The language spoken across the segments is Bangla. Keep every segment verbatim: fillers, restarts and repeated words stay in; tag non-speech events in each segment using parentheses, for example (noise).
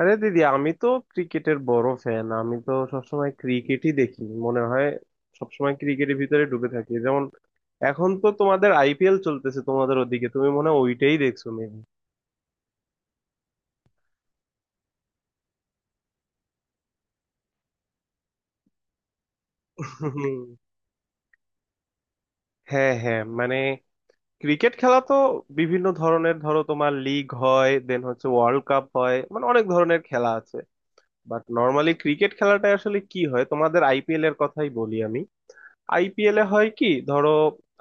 আরে দিদি, আমি তো ক্রিকেটের বড় ফ্যান। আমি তো সবসময় ক্রিকেটই দেখি মনে হয়, সবসময় ক্রিকেটের ভিতরে ঢুকে থাকি। যেমন এখন তো তোমাদের আইপিএল চলতেছে তোমাদের ওদিকে, তুমি মনে হয় ওইটাই দেখছো মেবি। হ্যাঁ হ্যাঁ, মানে ক্রিকেট খেলা তো বিভিন্ন ধরনের, ধরো তোমার লিগ হয়, দেন হচ্ছে ওয়ার্ল্ড কাপ হয়, মানে অনেক ধরনের খেলা আছে। বাট নর্মালি ক্রিকেট খেলাটা আসলে কি হয়, তোমাদের আইপিএল এর কথাই বলি আমি। আইপিএল এ হয় কি, ধরো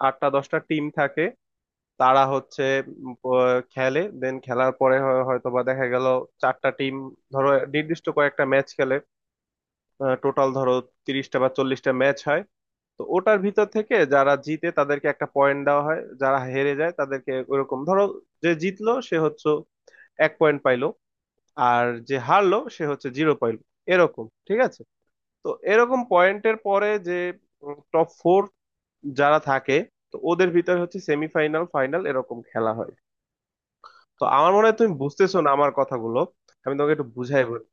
আটটা দশটা টিম থাকে, তারা হচ্ছে উম, প- খেলে, দেন খেলার পরে হয়- হয়তো বা দেখা গেল চারটা টিম, ধরো নির্দিষ্ট কয়েকটা ম্যাচ খেলে, টোটাল ধরো তিরিশটা বা চল্লিশটা ম্যাচ হয়। তো ওটার ভিতর থেকে যারা জিতে তাদেরকে একটা পয়েন্ট দেওয়া হয়, যারা হেরে যায় তাদেরকে ওরকম, ধরো যে জিতলো সে হচ্ছে এক পয়েন্ট পাইলো, আর যে হারলো সে হচ্ছে জিরো পাইলো, এরকম, ঠিক আছে। তো এরকম পয়েন্টের পরে যে টপ ফোর যারা থাকে, তো ওদের ভিতরে হচ্ছে সেমিফাইনাল, ফাইনাল এরকম খেলা হয়। তো আমার মনে হয় তুমি বুঝতেছো না আমার কথাগুলো, আমি তোমাকে একটু বুঝাই বলি (laughs)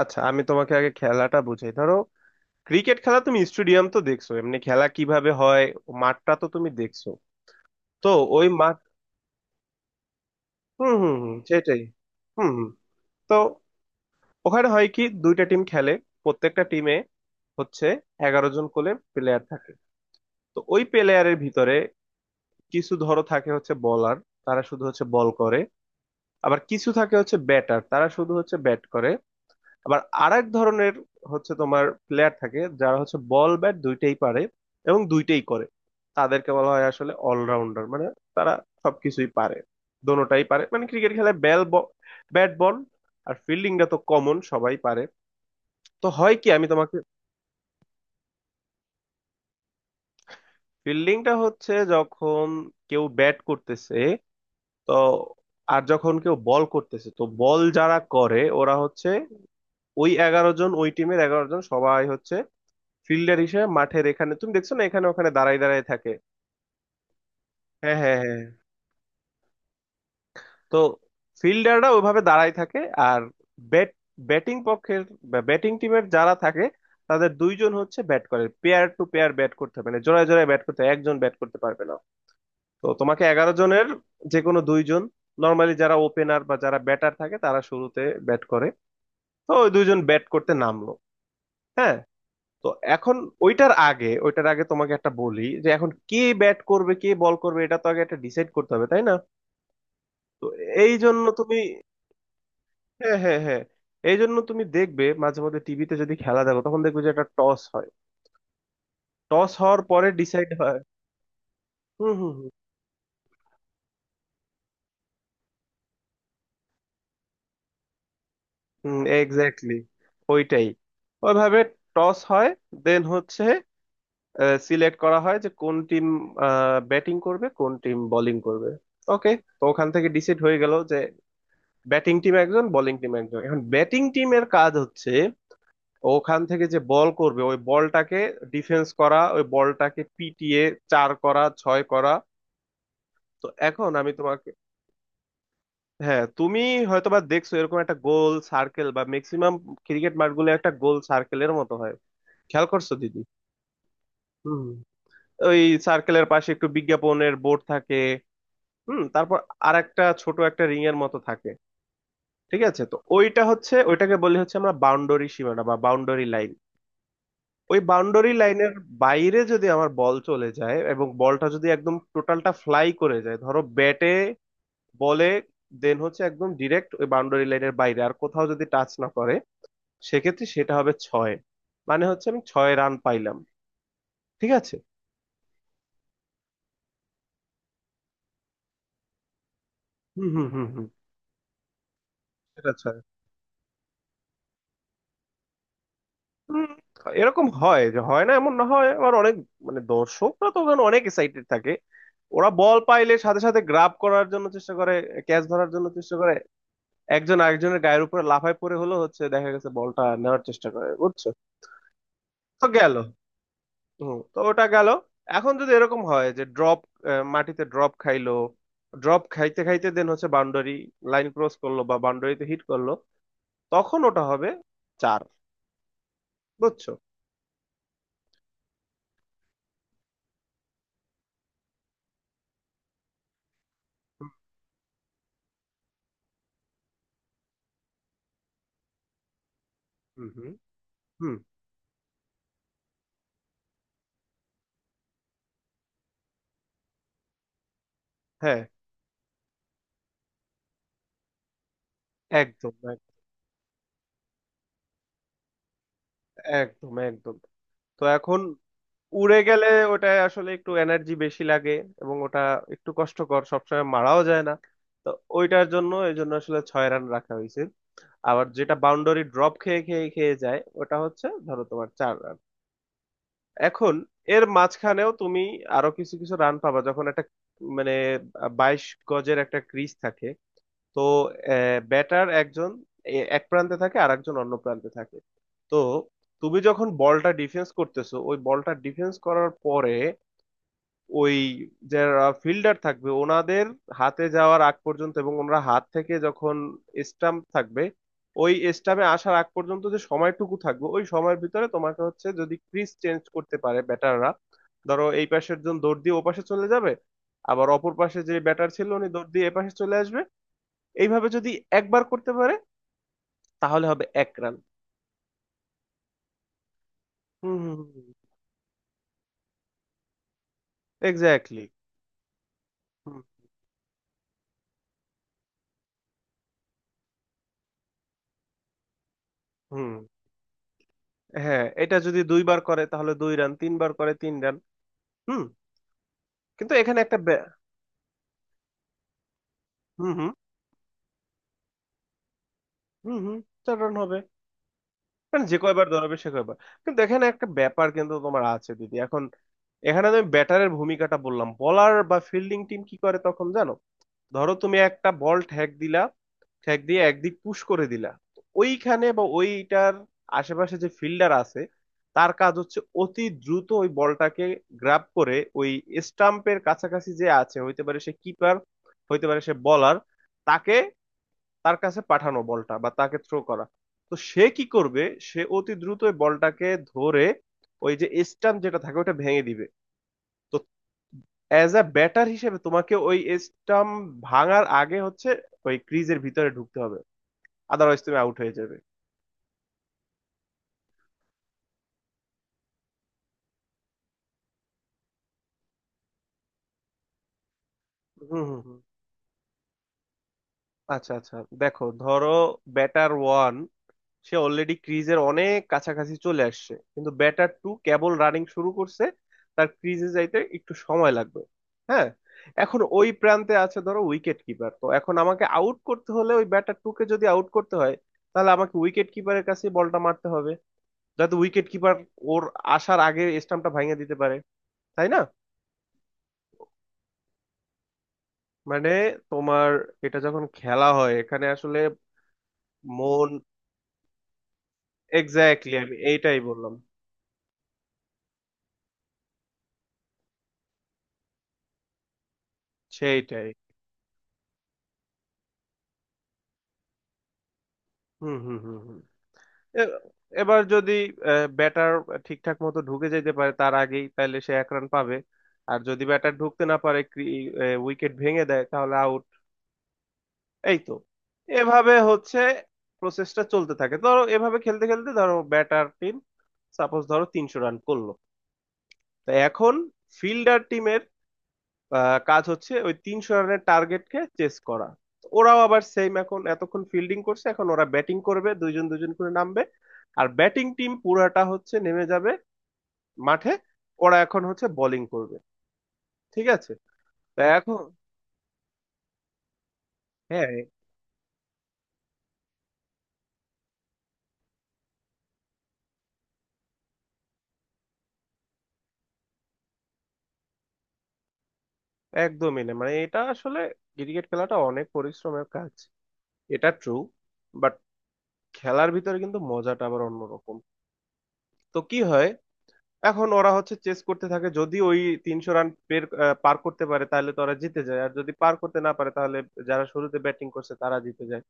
আচ্ছা আমি তোমাকে আগে খেলাটা বুঝাই, ধরো ক্রিকেট খেলা, তুমি স্টেডিয়াম তো দেখছো এমনি খেলা কিভাবে হয়, মাঠটা তো তুমি দেখছো। তো ওই মাঠ, হুম হুম হুম সেটাই। হুম হুম। তো ওখানে হয় কি, দুইটা টিম খেলে, প্রত্যেকটা টিমে হচ্ছে এগারো জন করে প্লেয়ার থাকে। তো ওই প্লেয়ারের ভিতরে কিছু ধরো থাকে হচ্ছে বলার, তারা শুধু হচ্ছে বল করে, আবার কিছু থাকে হচ্ছে ব্যাটার, তারা শুধু হচ্ছে ব্যাট করে, আবার আরেক ধরনের হচ্ছে তোমার প্লেয়ার থাকে যারা হচ্ছে বল ব্যাট দুইটাই পারে এবং দুইটাই করে, তাদেরকে বলা হয় আসলে অলরাউন্ডার। মানে তারা সবকিছুই পারে, দোনোটাই পারে, মানে ক্রিকেট খেলায় ব্যাল ব্যাট, বল, আর ফিল্ডিংটা তো কমন, সবাই পারে। তো হয় কি, আমি তোমাকে, ফিল্ডিংটা হচ্ছে যখন কেউ ব্যাট করতেছে তো, আর যখন কেউ বল করতেছে তো বল যারা করে ওরা হচ্ছে ওই এগারো জন, ওই টিমের এগারো জন সবাই হচ্ছে ফিল্ডার হিসেবে মাঠের এখানে, তুমি দেখছো না এখানে ওখানে দাঁড়ায় দাঁড়ায় থাকে। হ্যাঁ হ্যাঁ হ্যাঁ। তো ফিল্ডাররা ওইভাবে দাঁড়ায় থাকে, আর ব্যাট ব্যাটিং পক্ষের, ব্যাটিং টিমের যারা থাকে তাদের দুইজন হচ্ছে ব্যাট করে, পেয়ার টু পেয়ার ব্যাট করতে হবে, মানে জোড়ায় জোড়ায় ব্যাট করতে হয়, একজন ব্যাট করতে পারবে না। তো তোমাকে এগারো জনের যে কোনো দুইজন, নর্মালি যারা ওপেনার বা যারা ব্যাটার থাকে তারা শুরুতে ব্যাট করে। তো ওই দুইজন ব্যাট করতে নামলো। হ্যাঁ। তো এখন, ওইটার আগে ওইটার আগে তোমাকে একটা বলি যে এখন কে ব্যাট করবে কে বল করবে এটা তো আগে একটা ডিসাইড করতে হবে, তাই না। তো এই জন্য তুমি, হ্যাঁ হ্যাঁ হ্যাঁ, এই জন্য তুমি দেখবে মাঝে মধ্যে টিভিতে যদি খেলা দেখো তখন দেখবে যে একটা টস হয়, টস হওয়ার পরে ডিসাইড হয়। হুম হুম হুম এক্স্যাক্টলি, ওইটাই, ওইভাবে টস হয়, দেন হচ্ছে সিলেক্ট করা হয় যে কোন টিম ব্যাটিং করবে কোন টিম বোলিং করবে, ওকে। তো ওখান থেকে ডিসাইড হয়ে গেল যে ব্যাটিং টিম একজন, বোলিং টিম একজন। এখন ব্যাটিং টিমের কাজ হচ্ছে ওখান থেকে যে বল করবে ওই বলটাকে ডিফেন্স করা, ওই বলটাকে পিটিয়ে চার করা, ছয় করা। তো এখন আমি তোমাকে, হ্যাঁ তুমি হয়তোবা দেখছো এরকম একটা গোল সার্কেল বা ম্যাক্সিমাম ক্রিকেট মাঠগুলো একটা গোল সার্কেলের মতো হয়, খেয়াল করছো দিদি? হুম। ওই সার্কেলের পাশে একটু বিজ্ঞাপনের বোর্ড থাকে, হুম, তারপর আর একটা ছোট একটা রিং এর মতো থাকে, ঠিক আছে। তো ওইটা হচ্ছে, ওইটাকে বলি হচ্ছে আমরা বাউন্ডারি সীমানা বা বাউন্ডারি লাইন। ওই বাউন্ডারি লাইনের বাইরে যদি আমার বল চলে যায় এবং বলটা যদি একদম টোটালটা ফ্লাই করে যায় ধরো ব্যাটে বলে, দেন হচ্ছে একদম ডিরেক্ট ওই বাউন্ডারি লাইনের বাইরে আর কোথাও যদি টাচ না করে, সেক্ষেত্রে সেটা হবে ছয়। মানে হচ্ছে আমি ছয় রান পাইলাম, ঠিক আছে। হুম হুম হুম হুম, সেটা ছয়। হুম, এরকম হয় যে হয় না এমন না, হয় আবার অনেক, মানে দর্শকরা তো ওখানে অনেক এক্সাইটেড থাকে, ওরা বল পাইলে সাথে সাথে গ্রাব করার জন্য চেষ্টা করে, ক্যাচ ধরার জন্য চেষ্টা করে, একজন আরেকজনের গায়ের উপরে লাফায় পড়ে হলো হচ্ছে, দেখা গেছে বলটা নেওয়ার চেষ্টা করে, বুঝছো। তো গেল, হুম তো ওটা গেল। এখন যদি এরকম হয় যে ড্রপ, মাটিতে ড্রপ খাইলো, ড্রপ খাইতে খাইতে দেন হচ্ছে বাউন্ডারি লাইন ক্রস করলো বা বাউন্ডারিতে হিট করলো, তখন ওটা হবে চার, বুঝছো। হুম হুম হুম হুম, হ্যাঁ একদম এক- একদম একদম। তো এখন উড়ে গেলে ওটায় আসলে একটু এনার্জি বেশি লাগে এবং ওটা একটু কষ্টকর, সবসময় মারাও যায় না, তো ওইটার জন্য এই জন্য আসলে ছয় রান রাখা হয়েছে। আবার যেটা বাউন্ডারি ড্রপ খেয়ে খেয়ে খেয়ে যায় ওটা হচ্ছে ধরো তোমার চার রান। এখন এর মাঝখানেও তুমি আরো কিছু কিছু রান পাবা যখন একটা, মানে বাইশ গজের একটা ক্রিজ থাকে। তো ব্যাটার একজন এ- এক প্রান্তে থাকে আর একজন অন্য প্রান্তে থাকে। তো তুমি যখন বলটা ডিফেন্স করতেছো, ওই বলটা ডিফেন্স করার পরে ওই যারা ফিল্ডার থাকবে ওনাদের হাতে যাওয়ার আগ পর্যন্ত এবং ওনারা হাত থেকে যখন স্টাম্প থাকবে ওই স্টাম্পে আসার আগ পর্যন্ত যে সময়টুকু থাকবে ওই সময়ের ভিতরে তোমাকে হচ্ছে যদি ক্রিজ চেঞ্জ করতে পারে ব্যাটাররা। ধরো এই পাশের জন দৌড় দিয়ে ওপাশে চলে যাবে, আবার অপর পাশে যে ব্যাটার ছিল উনি দৌড় দিয়ে এপাশে চলে আসবে। এইভাবে যদি একবার করতে পারে তাহলে হবে এক রান। হুম হুম এক্স্যাক্টলি। হুম exactly. হুম হুম। হ্যাঁ, এটা যদি দুইবার করে তাহলে দুই রান, তিনবার করে তিন রান। হুম। কিন্তু এখানে একটা ব্যা- হুম হুম হুম হুম, চার রান হবে, কারণ যে কয়বার দৌড়াবে সে কয়বার। কিন্তু এখানে একটা ব্যাপার কিন্তু তোমার আছে দিদি, এখন এখানে আমি ব্যাটারের ভূমিকাটা বললাম, বলার বা ফিল্ডিং টিম কি করে তখন জানো। ধরো তুমি একটা বল ঠ্যাক দিলা, ঠ্যাক দিয়ে একদিক পুশ করে দিলা, তো ওইখানে বা ওইটার আশেপাশে যে ফিল্ডার আছে তার কাজ হচ্ছে অতি দ্রুত ওই বলটাকে গ্রাব করে ওই স্টাম্পের কাছাকাছি যে আছে, হইতে পারে সে কিপার, হইতে পারে সে বলার, তাকে, তার কাছে পাঠানো বলটা বা তাকে থ্রো করা। তো সে কি করবে, সে অতি দ্রুত ওই বলটাকে ধরে ওই যে স্টাম্প যেটা থাকে ওটা ভেঙে দিবে। তো অ্যাজ আ ব্যাটার হিসেবে তোমাকে ওই স্টাম্প ভাঙার আগে হচ্ছে ওই ক্রিজের ভিতরে ঢুকতে হবে, আদারওয়াইজ তুমি আউট হয়ে যাবে। হুম হুম হুম। আচ্ছা আচ্ছা, দেখো ধরো ব্যাটার ওয়ান, সে অলরেডি ক্রিজের অনেক কাছাকাছি চলে আসছে কিন্তু ব্যাটার টু কেবল রানিং শুরু করছে, তার ক্রিজে যাইতে একটু সময় লাগবে। হ্যাঁ। এখন ওই প্রান্তে আছে ধরো উইকেট কিপার, তো এখন আমাকে আউট করতে হলে ওই ব্যাটার টুকে যদি আউট করতে হয় তাহলে আমাকে উইকেট কিপারের কাছে বলটা মারতে হবে যাতে উইকেট কিপার ওর আসার আগে স্টাম্পটা ভাঙিয়ে দিতে পারে, তাই না। মানে তোমার এটা যখন খেলা হয় এখানে আসলে মন, এক্স্যাক্টলি, আমি এইটাই বললাম, সেইটাই। হুম হুম হুম হুম। এ- এবার যদি ব্যাটার ঠিকঠাক মতো ঢুকে যেতে পারে তার আগেই, তাহলে সে এক রান পাবে। আর যদি ব্যাটার ঢুকতে না পারে, উইকেট ভেঙে দেয় তাহলে আউট, এই তো। এভাবে হচ্ছে প্রসেসটা চলতে থাকে, ধরো এভাবে খেলতে খেলতে ধরো ব্যাটার টিম সাপোজ ধরো তিনশো রান করলো। তো এখন ফিল্ডার আহ, কাজ হচ্ছে ওই তিনশো রানের টার্গেটকে চেস করা। ওরাও আবার সেম, এখন এতক্ষণ ফিল্ডিং করছে এখন ওরা ব্যাটিং করবে দুইজন দুইজন করে নামবে, আর ব্যাটিং টিম পুরাটা হচ্ছে নেমে যাবে মাঠে, ওরা এখন হচ্ছে বোলিং করবে, ঠিক আছে। তো এখন, হ্যাঁ, একদমই না, মানে এটা আসলে ক্রিকেট খেলাটা অনেক পরিশ্রমের কাজ, এটা ট্রু। বাট খেলার ভিতরে কিন্তু মজাটা আবার অন্যরকম। তো কি হয়, এখন ওরা হচ্ছে চেস করতে থাকে, যদি ওই তিনশো রান পের আহ, পার করতে পারে তাহলে তো ওরা জিতে যায়, আর যদি পার করতে না পারে তাহলে যারা শুরুতে ব্যাটিং করছে তারা জিতে যায়।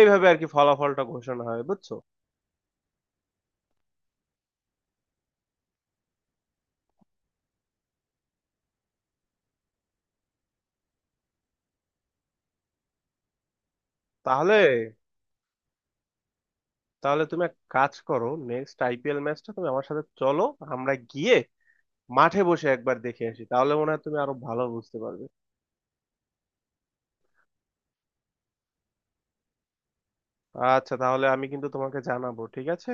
এইভাবে আর কি ফলাফলটা ঘোষণা হয়, বুঝছো। তাহলে, তাহলে তুমি এক কাজ করো, নেক্সট আইপিএল ম্যাচটা তুমি আমার সাথে চলো, আমরা গিয়ে মাঠে বসে একবার দেখে আসি, তাহলে মনে হয় তুমি আরো ভালো বুঝতে পারবে। আচ্ছা তাহলে আমি কিন্তু তোমাকে জানাবো, ঠিক আছে।